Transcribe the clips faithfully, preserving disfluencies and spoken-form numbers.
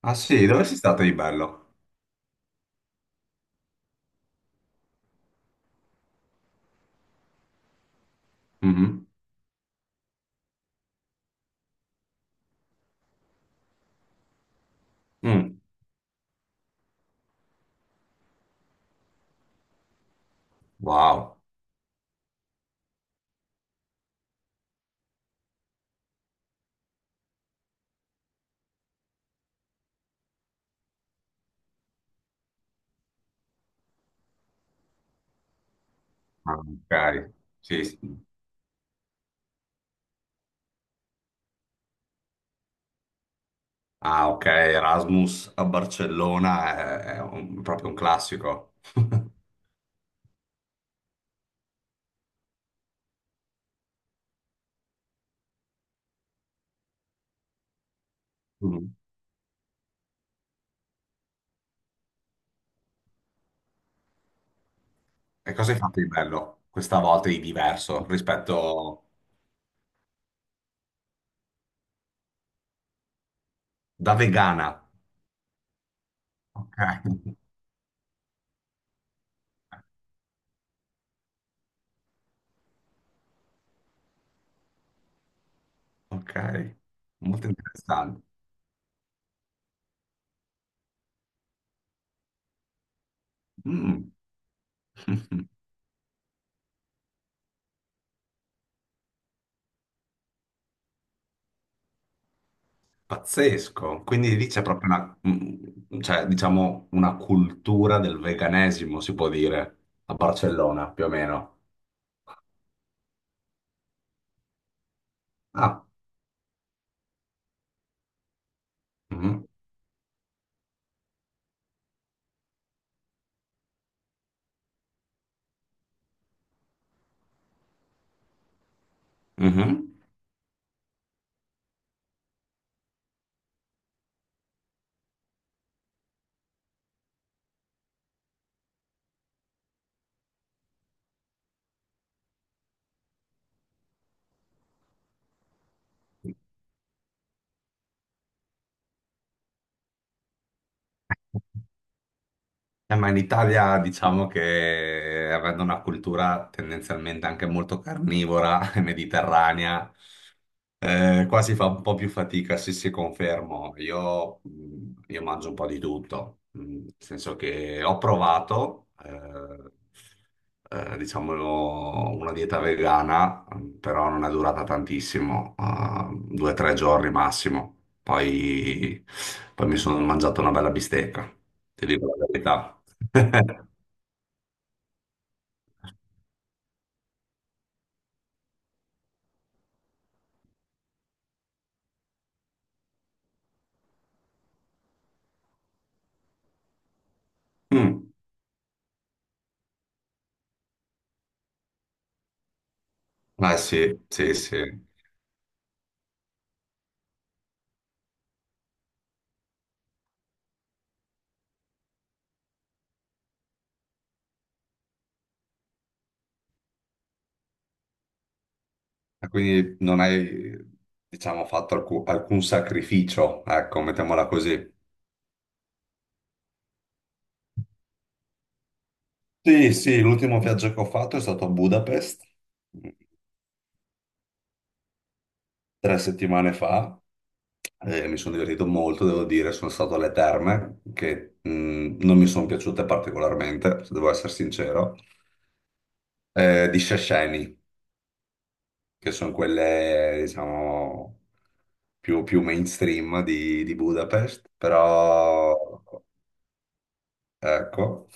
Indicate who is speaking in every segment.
Speaker 1: Ah sì, dove sei stato di bello? Mhm. Mm. Wow. Ah, ok. Sì, sì. Ah, ok, Erasmus a Barcellona è, è un- proprio un classico. Mm. E cosa hai fatto di bello questa volta di diverso rispetto da vegana? Ok. Ok, molto interessante. Mm. Pazzesco, quindi lì c'è proprio una, mm, cioè, diciamo, una cultura del veganesimo, si può dire, a Barcellona, più o meno. Ah, mhm, mhm. Eh, ma in Italia diciamo che avendo una cultura tendenzialmente anche molto carnivora, mediterranea, eh, qua si fa un po' più fatica, sì, sì, confermo. Io, mh, io mangio un po' di tutto, mh, nel senso che ho provato, eh, eh, diciamo, una dieta vegana, mh, però non è durata tantissimo, eh, due o tre giorni massimo. Poi, poi mi sono mangiato una bella bistecca, ti dico la verità. Mm. Eh sì, sì, sì. Ah, quindi non hai, diciamo, fatto alcu- alcun sacrificio, ecco, mettiamola così. Sì, sì, l'ultimo viaggio che ho fatto è stato a Budapest, mh, tre settimane fa, e mi sono divertito molto, devo dire. Sono stato alle terme che mh, non mi sono piaciute particolarmente, se devo essere sincero, eh, di Szechenyi, che sono quelle, diciamo, più, più mainstream di, di Budapest, però. Ecco.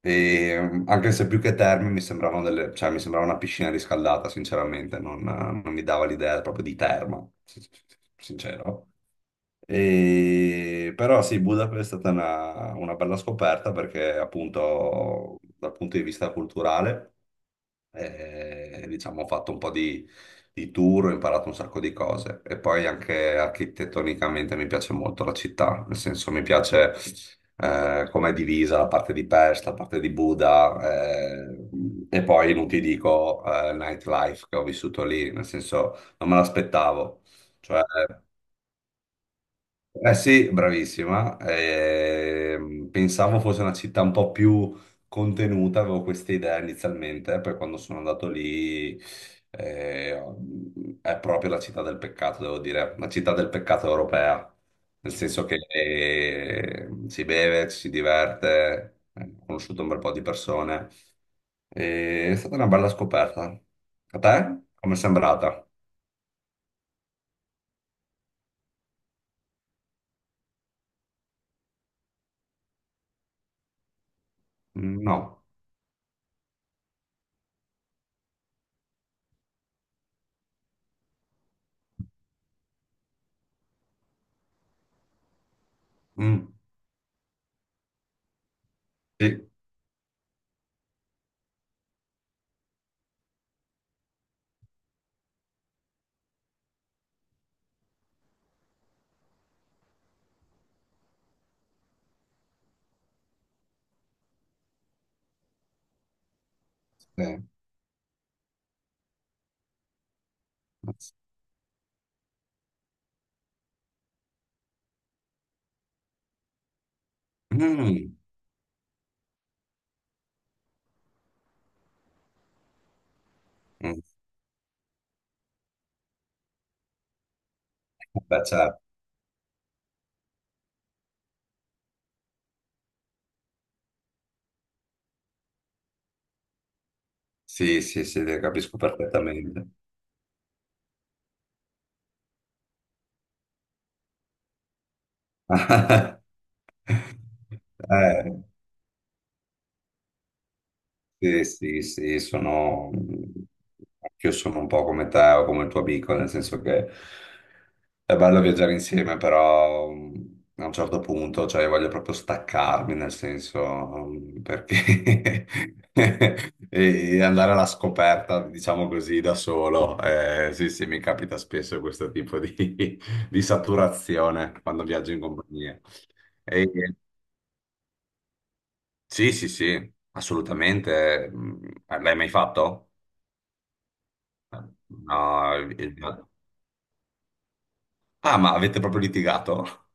Speaker 1: E, mm, anche se più che terme mi sembravano delle, cioè mi sembrava una piscina riscaldata, sinceramente, non, non mi dava l'idea proprio di terma, sin- sincero. E però sì, Budapest è stata una, una bella scoperta, perché appunto dal punto di vista culturale. E, diciamo, ho fatto un po' di, di tour, ho imparato un sacco di cose, e poi anche architettonicamente mi piace molto la città, nel senso mi piace eh, come è divisa la parte di Pest, la parte di Buda, eh, e poi non ti dico eh, nightlife che ho vissuto lì, nel senso non me l'aspettavo. Cioè, eh sì, bravissima. Ehm, pensavo fosse una città un po' più contenuta, avevo questa idea inizialmente, eh, poi quando sono andato lì, eh, è proprio la città del peccato, devo dire, la città del peccato europea, nel senso che eh, si beve, ci si diverte, eh, ho conosciuto un bel po' di persone. E è stata una bella scoperta. A te? Come è sembrata? Mm. No. Mm. Sì. Sì. Mm. Mm. Beh, certo. Sì, sì, sì, te capisco perfettamente. Eh, sì, sì, sì, sono... Io sono un po' come te o come il tuo amico, nel senso che è bello viaggiare insieme, però mh, a un certo punto, cioè, io voglio proprio staccarmi, nel senso, mh, perché e e andare alla scoperta, diciamo così, da solo. Eh, sì, sì, mi capita spesso questo tipo di, di saturazione quando viaggio in compagnia. E- sì, sì, sì, assolutamente. mh, L'hai mai fatto? No, eh, ah, ma avete proprio litigato?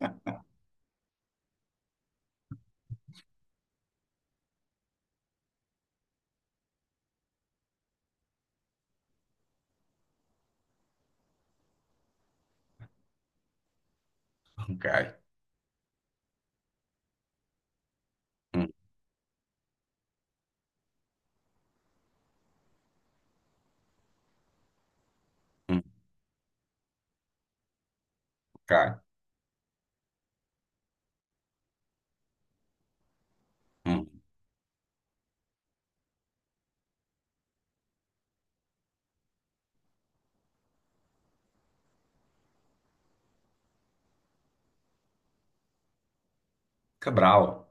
Speaker 1: Ok. Mm, mm, ok. Mm. Che bravo.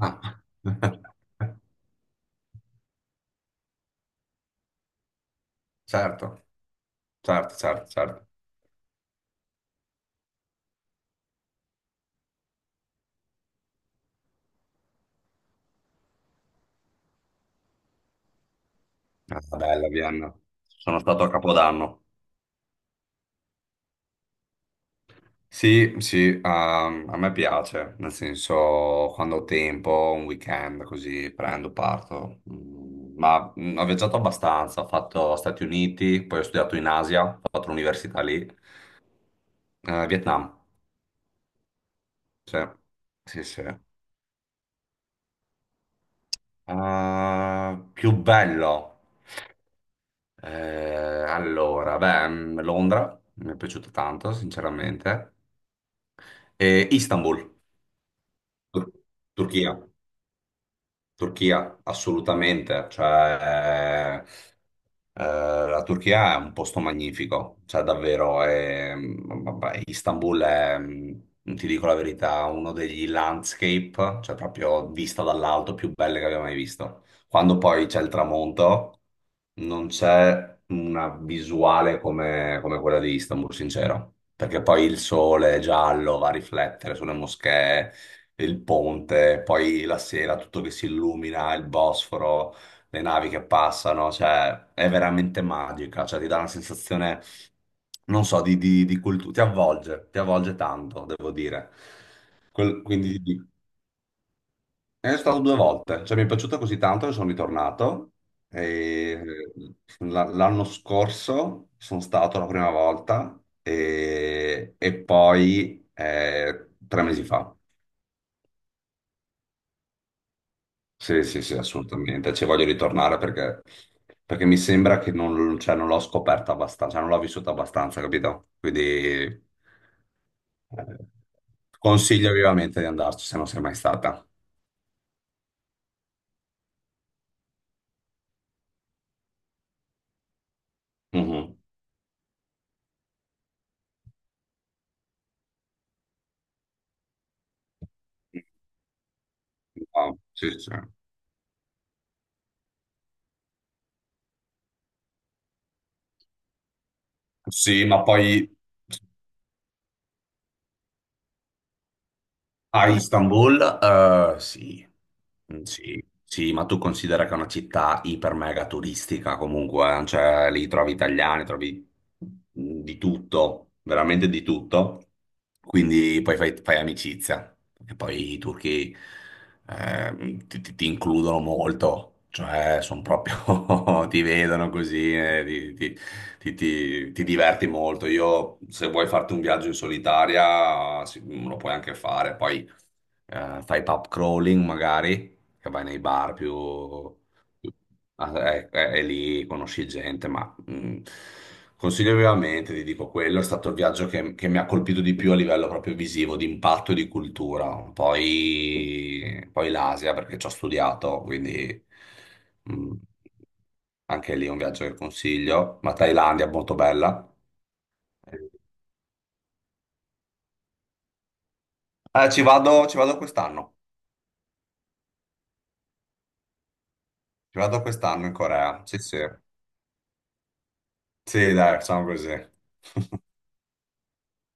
Speaker 1: Ah. Certo, certo, certo, certo. Ah, bella Vienna. Sono stato a Capodanno. Sì, sì, a a me piace, nel senso quando ho tempo, un weekend così prendo, parto. Mm, Ma mm, ho viaggiato abbastanza, ho fatto Stati Uniti, poi ho studiato in Asia, ho fatto l'università lì. Eh, Vietnam, sì, sì, sì. Eh, più bello. Eh, allora, beh, mm, Londra, mi è piaciuto tanto, sinceramente. E Istanbul, Tur- Turchia, Turchia, assolutamente. Cioè, Eh, la Turchia è un posto magnifico, cioè davvero, è, mm, vabbè, Istanbul è, mm, ti dico la verità, uno degli landscape, cioè proprio vista dall'alto, più belle che abbia mai visto. Quando poi c'è il tramonto, non c'è una visuale come, come quella di Istanbul, sincero, perché poi il sole giallo va a riflettere sulle moschee, il ponte, poi la sera tutto che si illumina, il Bosforo, le navi che passano, cioè è veramente magica, cioè ti dà una sensazione, non so, di, di, di cultura, ti avvolge, ti avvolge tanto, devo dire. Quel- quindi è stato due volte, cioè mi è piaciuto così tanto che sono ritornato. E, eh, la- L'anno scorso sono stato la prima volta, e, e poi eh, tre mesi fa. Sì, sì, sì, assolutamente. Ci voglio ritornare, perché, perché mi sembra che non, cioè, non l'ho scoperta abbastanza, cioè, non l'ho vissuta abbastanza, capito? Quindi eh, consiglio vivamente di andarci se non sei mai stata. Mhm. No, sì, sì. Sì, ma poi, a Istanbul, eh, sì. Mm, sì, sì, ma tu considera che è una città iper mega turistica comunque, eh, cioè lì trovi italiani, trovi mm, di tutto, veramente di tutto, quindi poi fai, fai amicizia, e poi i turchi eh, ti, ti- ti includono molto, cioè sono proprio, ti vedono così, e ti, ti- ti, ti- ti diverti molto. Io, se vuoi farti un viaggio in solitaria, sì, lo puoi anche fare. Poi eh, fai pub crawling magari, che vai nei bar più... Ah, eh, eh, e lì conosci gente, ma mm, consiglio vivamente, ti dico quello, è stato il viaggio che, che mi ha colpito di più a livello proprio visivo, di impatto e di cultura. Poi, poi l'Asia, perché ci ho studiato, quindi mm, anche lì è un viaggio che consiglio. Ma Thailandia, molto bella. Eh, ci vado, ci vado quest'anno, ci vado quest'anno in Corea, sì sì. Sì, dai, facciamo così.